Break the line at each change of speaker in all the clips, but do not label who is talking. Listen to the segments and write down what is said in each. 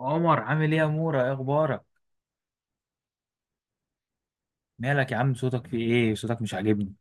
عمر، عامل ايه يا مورا؟ ايه اخبارك؟ مالك يا عم؟ صوتك في ايه؟ صوتك مش عاجبني.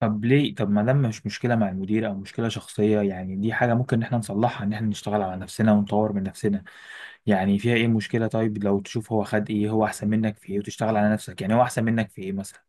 طب ليه؟ طب، ما دام مش مشكله مع المدير او مشكله شخصيه، يعني دي حاجه ممكن ان احنا نصلحها، ان احنا نشتغل على نفسنا ونطور من نفسنا. يعني فيها ايه مشكله؟ طيب لو تشوف هو خد ايه، هو احسن منك في ايه، وتشتغل على نفسك. يعني هو احسن منك في ايه مثلا؟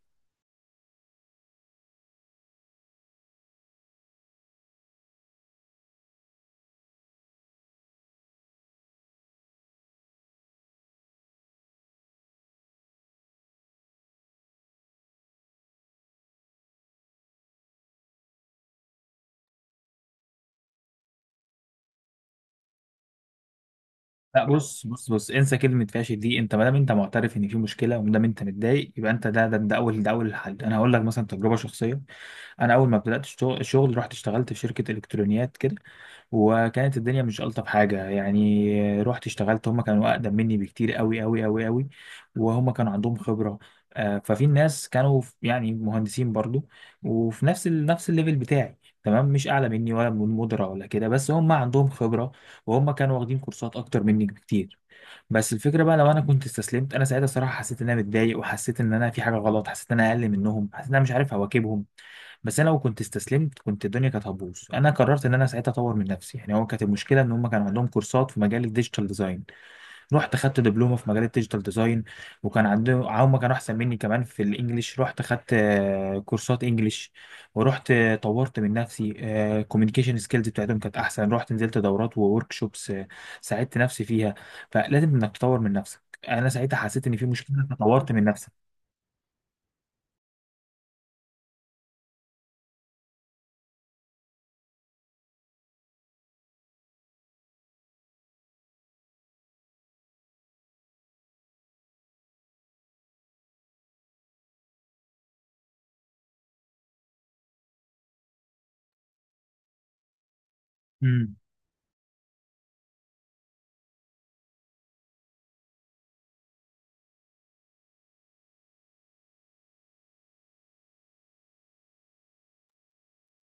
لا، بص بص بص، انسى كلمه فاشل دي. انت ما دام انت معترف ان في مشكله وما دام انت متضايق، يبقى انت ده اول الحل. انا هقول لك مثلا تجربه شخصيه. انا اول ما بدات الشغل رحت اشتغلت في شركه الكترونيات كده. وكانت الدنيا مش ألطف حاجة، يعني رحت اشتغلت هم كانوا أقدم مني بكتير قوي قوي قوي قوي، وهم كانوا عندهم خبرة. ففي ناس كانوا يعني مهندسين برضو، وفي نفس نفس الليفل بتاعي، تمام، مش أعلى مني ولا من مدرة ولا كده، بس هم عندهم خبرة، وهم كانوا واخدين كورسات أكتر مني بكتير. بس الفكره بقى، لو انا كنت استسلمت، انا ساعتها صراحه حسيت ان انا متضايق، وحسيت ان انا في حاجه غلط، حسيت ان انا اقل منهم، حسيت ان انا مش عارف اواكبهم. بس انا لو كنت استسلمت كنت الدنيا كانت هتبوظ. انا قررت ان انا ساعتها اطور من نفسي. يعني هو كانت المشكله ان هم كان عندهم كورسات في مجال الديجيتال ديزاين. رحت خدت دبلومه في مجال الديجيتال ديزاين. وكان عندهم هم كانوا احسن مني كمان في الانجليش. رحت خدت كورسات انجليش، ورحت طورت من نفسي. كوميونيكيشن سكيلز بتاعتهم كانت احسن. رحت نزلت دورات وورك شوبس، ساعدت نفسي فيها. فلازم انك تطور من نفسك. انا ساعتها حسيت ان في مشكله فطورت من نفسك. مم.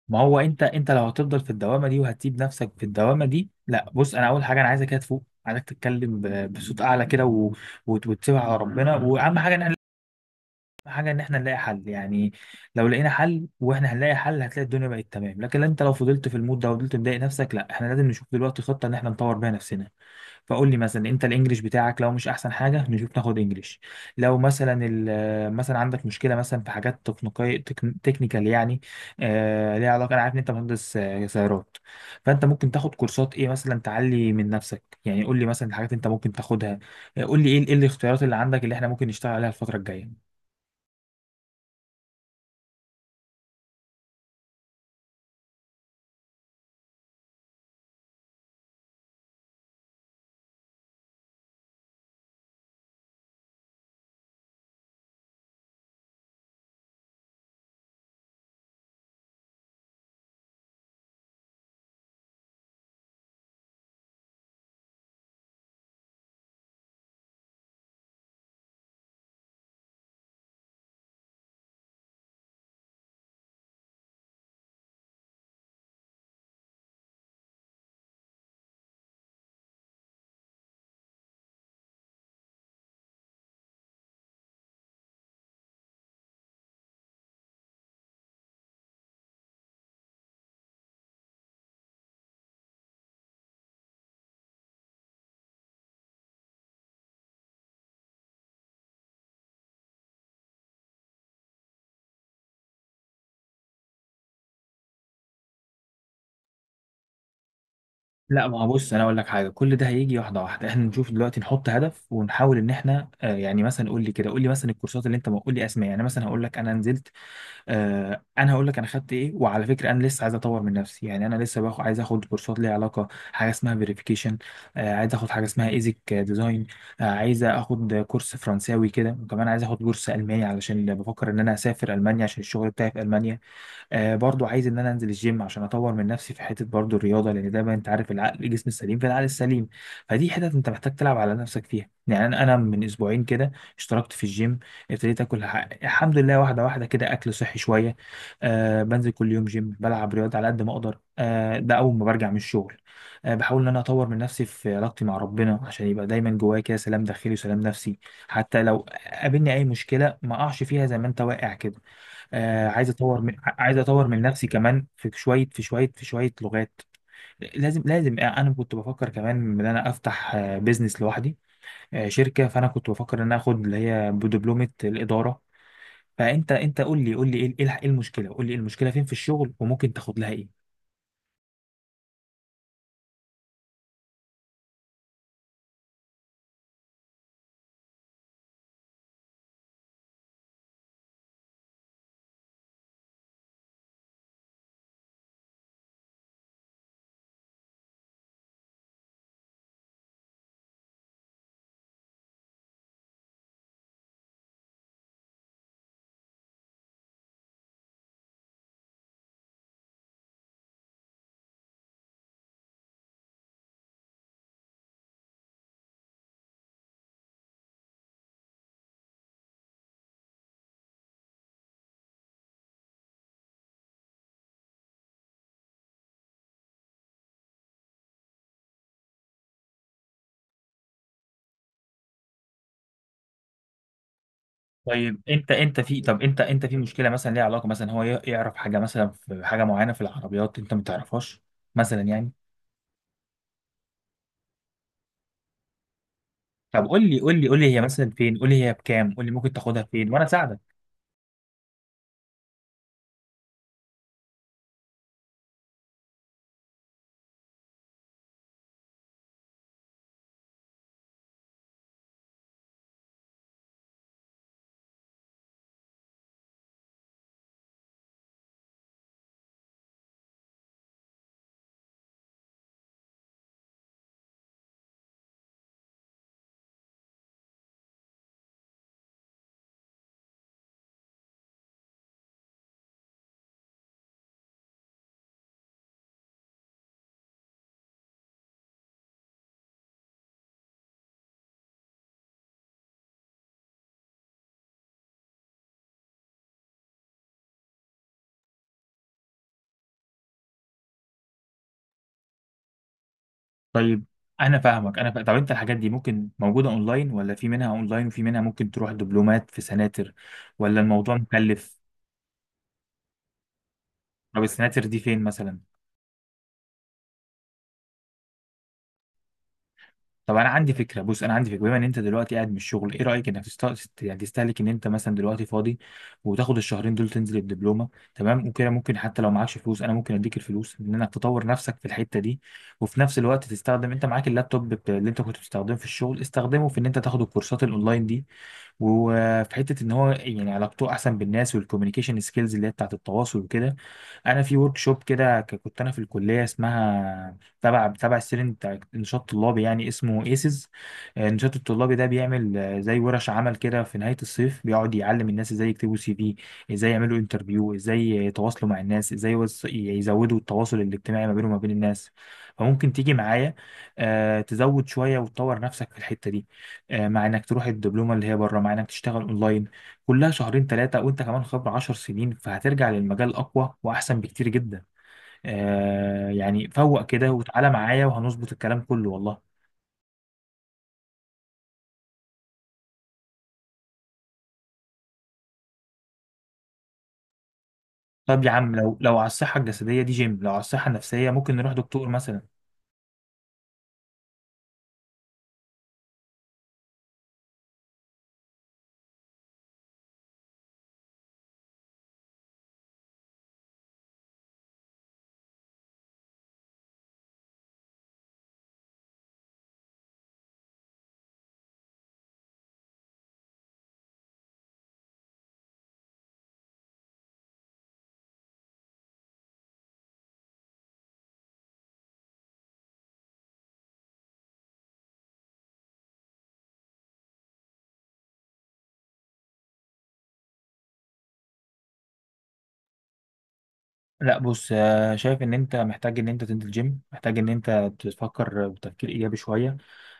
ما هو انت، لو هتفضل في الدوامه دي وهتسيب نفسك في الدوامه دي، لا، بص. انا اول حاجه انا عايزك كده تفوق. عايزك تتكلم بصوت اعلى كده وتسيبها على ربنا. واهم حاجه ان إن إحنا نلاقي حل، يعني. لو لقينا حل، وإحنا هنلاقي حل، هتلاقي الدنيا بقت تمام. لكن أنت لو فضلت في المود ده وفضلت مضايق نفسك، لا، إحنا لازم نشوف دلوقتي خطة إن إحنا نطور بيها نفسنا. فقول لي مثلا، أنت الإنجليش بتاعك لو مش أحسن حاجة، نشوف ناخد إنجليش. لو مثلا مثلا عندك مشكلة مثلا في حاجات تكنيكية، تكنيكال يعني، ليها علاقة. أنا عارف إن أنت مهندس سيارات، فأنت ممكن تاخد كورسات إيه مثلا تعلي من نفسك. يعني قول لي مثلا الحاجات أنت ممكن تاخدها. قول لي إيه الاختيارات اللي عندك، اللي إحنا ممكن نشتغل عليها الفترة الجاية. لا، ما هو بص، انا اقول لك حاجه، كل ده هيجي واحده واحده. احنا نشوف دلوقتي نحط هدف ونحاول ان احنا، يعني مثلا، قول لي مثلا الكورسات اللي انت، ما قول لي اسماء. يعني مثلا هقول لك انا نزلت آه، انا هقول لك انا خدت ايه. وعلى فكره انا لسه عايز اطور من نفسي. يعني انا لسه عايز اخد كورسات ليها علاقه، حاجه اسمها فيريفيكيشن. عايز اخد حاجه اسمها ايزك ديزاين. عايز اخد كورس فرنساوي كده، وكمان عايز اخد كورس الماني علشان بفكر ان انا اسافر المانيا، عشان الشغل بتاعي في المانيا. برضو عايز ان انا انزل الجيم عشان اطور من نفسي في حته برضو الرياضه، لان دايما انت عارف، العقل، الجسم السليم في العقل السليم. فدي حتت انت محتاج تلعب على نفسك فيها. يعني انا، من اسبوعين كده اشتركت في الجيم. ابتديت اكل الحمد لله واحده واحده كده اكل صحي شويه. بنزل كل يوم جيم، بلعب رياضه على قد ما اقدر. ده اول ما برجع من الشغل. بحاول ان انا اطور من نفسي في علاقتي مع ربنا، عشان يبقى دايما جوايا كده سلام داخلي وسلام نفسي. حتى لو قابلني اي مشكله، ما اقعش فيها زي ما انت واقع كده. عايز اطور عايز اطور من نفسي كمان في شويه لغات. لازم، انا كنت بفكر كمان ان انا افتح بيزنس لوحدي، شركه. فانا كنت بفكر ان انا اخد اللي هي بدبلومه الاداره. فانت انت قول لي قول لي ايه إيه الح- إيه المشكله قول لي إيه المشكله فين في الشغل، وممكن تاخد لها ايه. طيب انت، انت في طب انت انت في مشكله مثلا ليها علاقه، مثلا هو يعرف حاجه مثلا، في حاجه معينه في العربيات انت ما تعرفهاش مثلا، يعني. طب قول لي هي مثلا فين، قول لي هي بكام، قول لي ممكن تاخدها فين وانا اساعدك. طيب انا فاهمك. طب انت الحاجات دي ممكن موجوده اونلاين، ولا في منها اونلاين وفي منها ممكن تروح دبلومات في سناتر، ولا الموضوع مكلف؟ طب السناتر دي فين مثلا؟ طب انا عندي فكره، بص، انا عندي فكره. بما ان انت دلوقتي قاعد من الشغل، ايه رايك انك يعني تستهلك ان انت مثلا دلوقتي فاضي، وتاخد الشهرين دول تنزل الدبلومه، تمام. وكده ممكن، حتى لو معكش فلوس، انا ممكن اديك الفلوس ان انك تطور نفسك في الحته دي. وفي نفس الوقت تستخدم، انت معاك اللابتوب اللي انت كنت بتستخدمه في الشغل، استخدمه في ان انت تاخد الكورسات الاونلاين دي. وفي حته ان هو يعني علاقته احسن بالناس، والكوميونيكيشن سكيلز اللي هي بتاعت التواصل وكده، انا في ورك شوب كده كنت انا في الكليه، اسمها تبع السيرين، بتاع نشاط طلابي يعني، اسمه ايسز. النشاط الطلابي ده بيعمل زي ورش عمل كده في نهاية الصيف، بيقعد يعلم الناس ازاي يكتبوا سي في، ازاي يعملوا انترفيو، ازاي يتواصلوا مع الناس، ازاي يزودوا التواصل الاجتماعي ما بينهم وما بين الناس. فممكن تيجي معايا تزود شوية وتطور نفسك في الحتة دي، مع انك تروح الدبلومة اللي هي بره، مع انك تشتغل اونلاين. كلها شهرين ثلاثة، وانت كمان خبرة 10 سنين، فهترجع للمجال اقوى واحسن بكتير جدا. يعني، فوق كده وتعالى معايا وهنظبط الكلام كله والله. طب يا عم، لو على الصحة الجسدية دي جيم، لو على الصحة النفسية ممكن نروح دكتور مثلا. لا، بص، شايف ان انت محتاج ان انت تنزل جيم، محتاج ان انت تفكر بتفكير ايجابي شوية،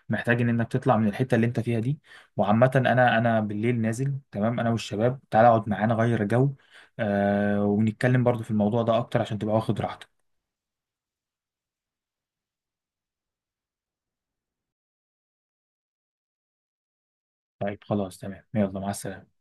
محتاج ان انك تطلع من الحتة اللي انت فيها دي. وعامة انا، بالليل نازل، تمام، انا والشباب، تعالى اقعد معانا غير جو. ونتكلم برضو في الموضوع ده اكتر عشان تبقى واخد راحتك. طيب خلاص تمام، يلا، مع السلامة.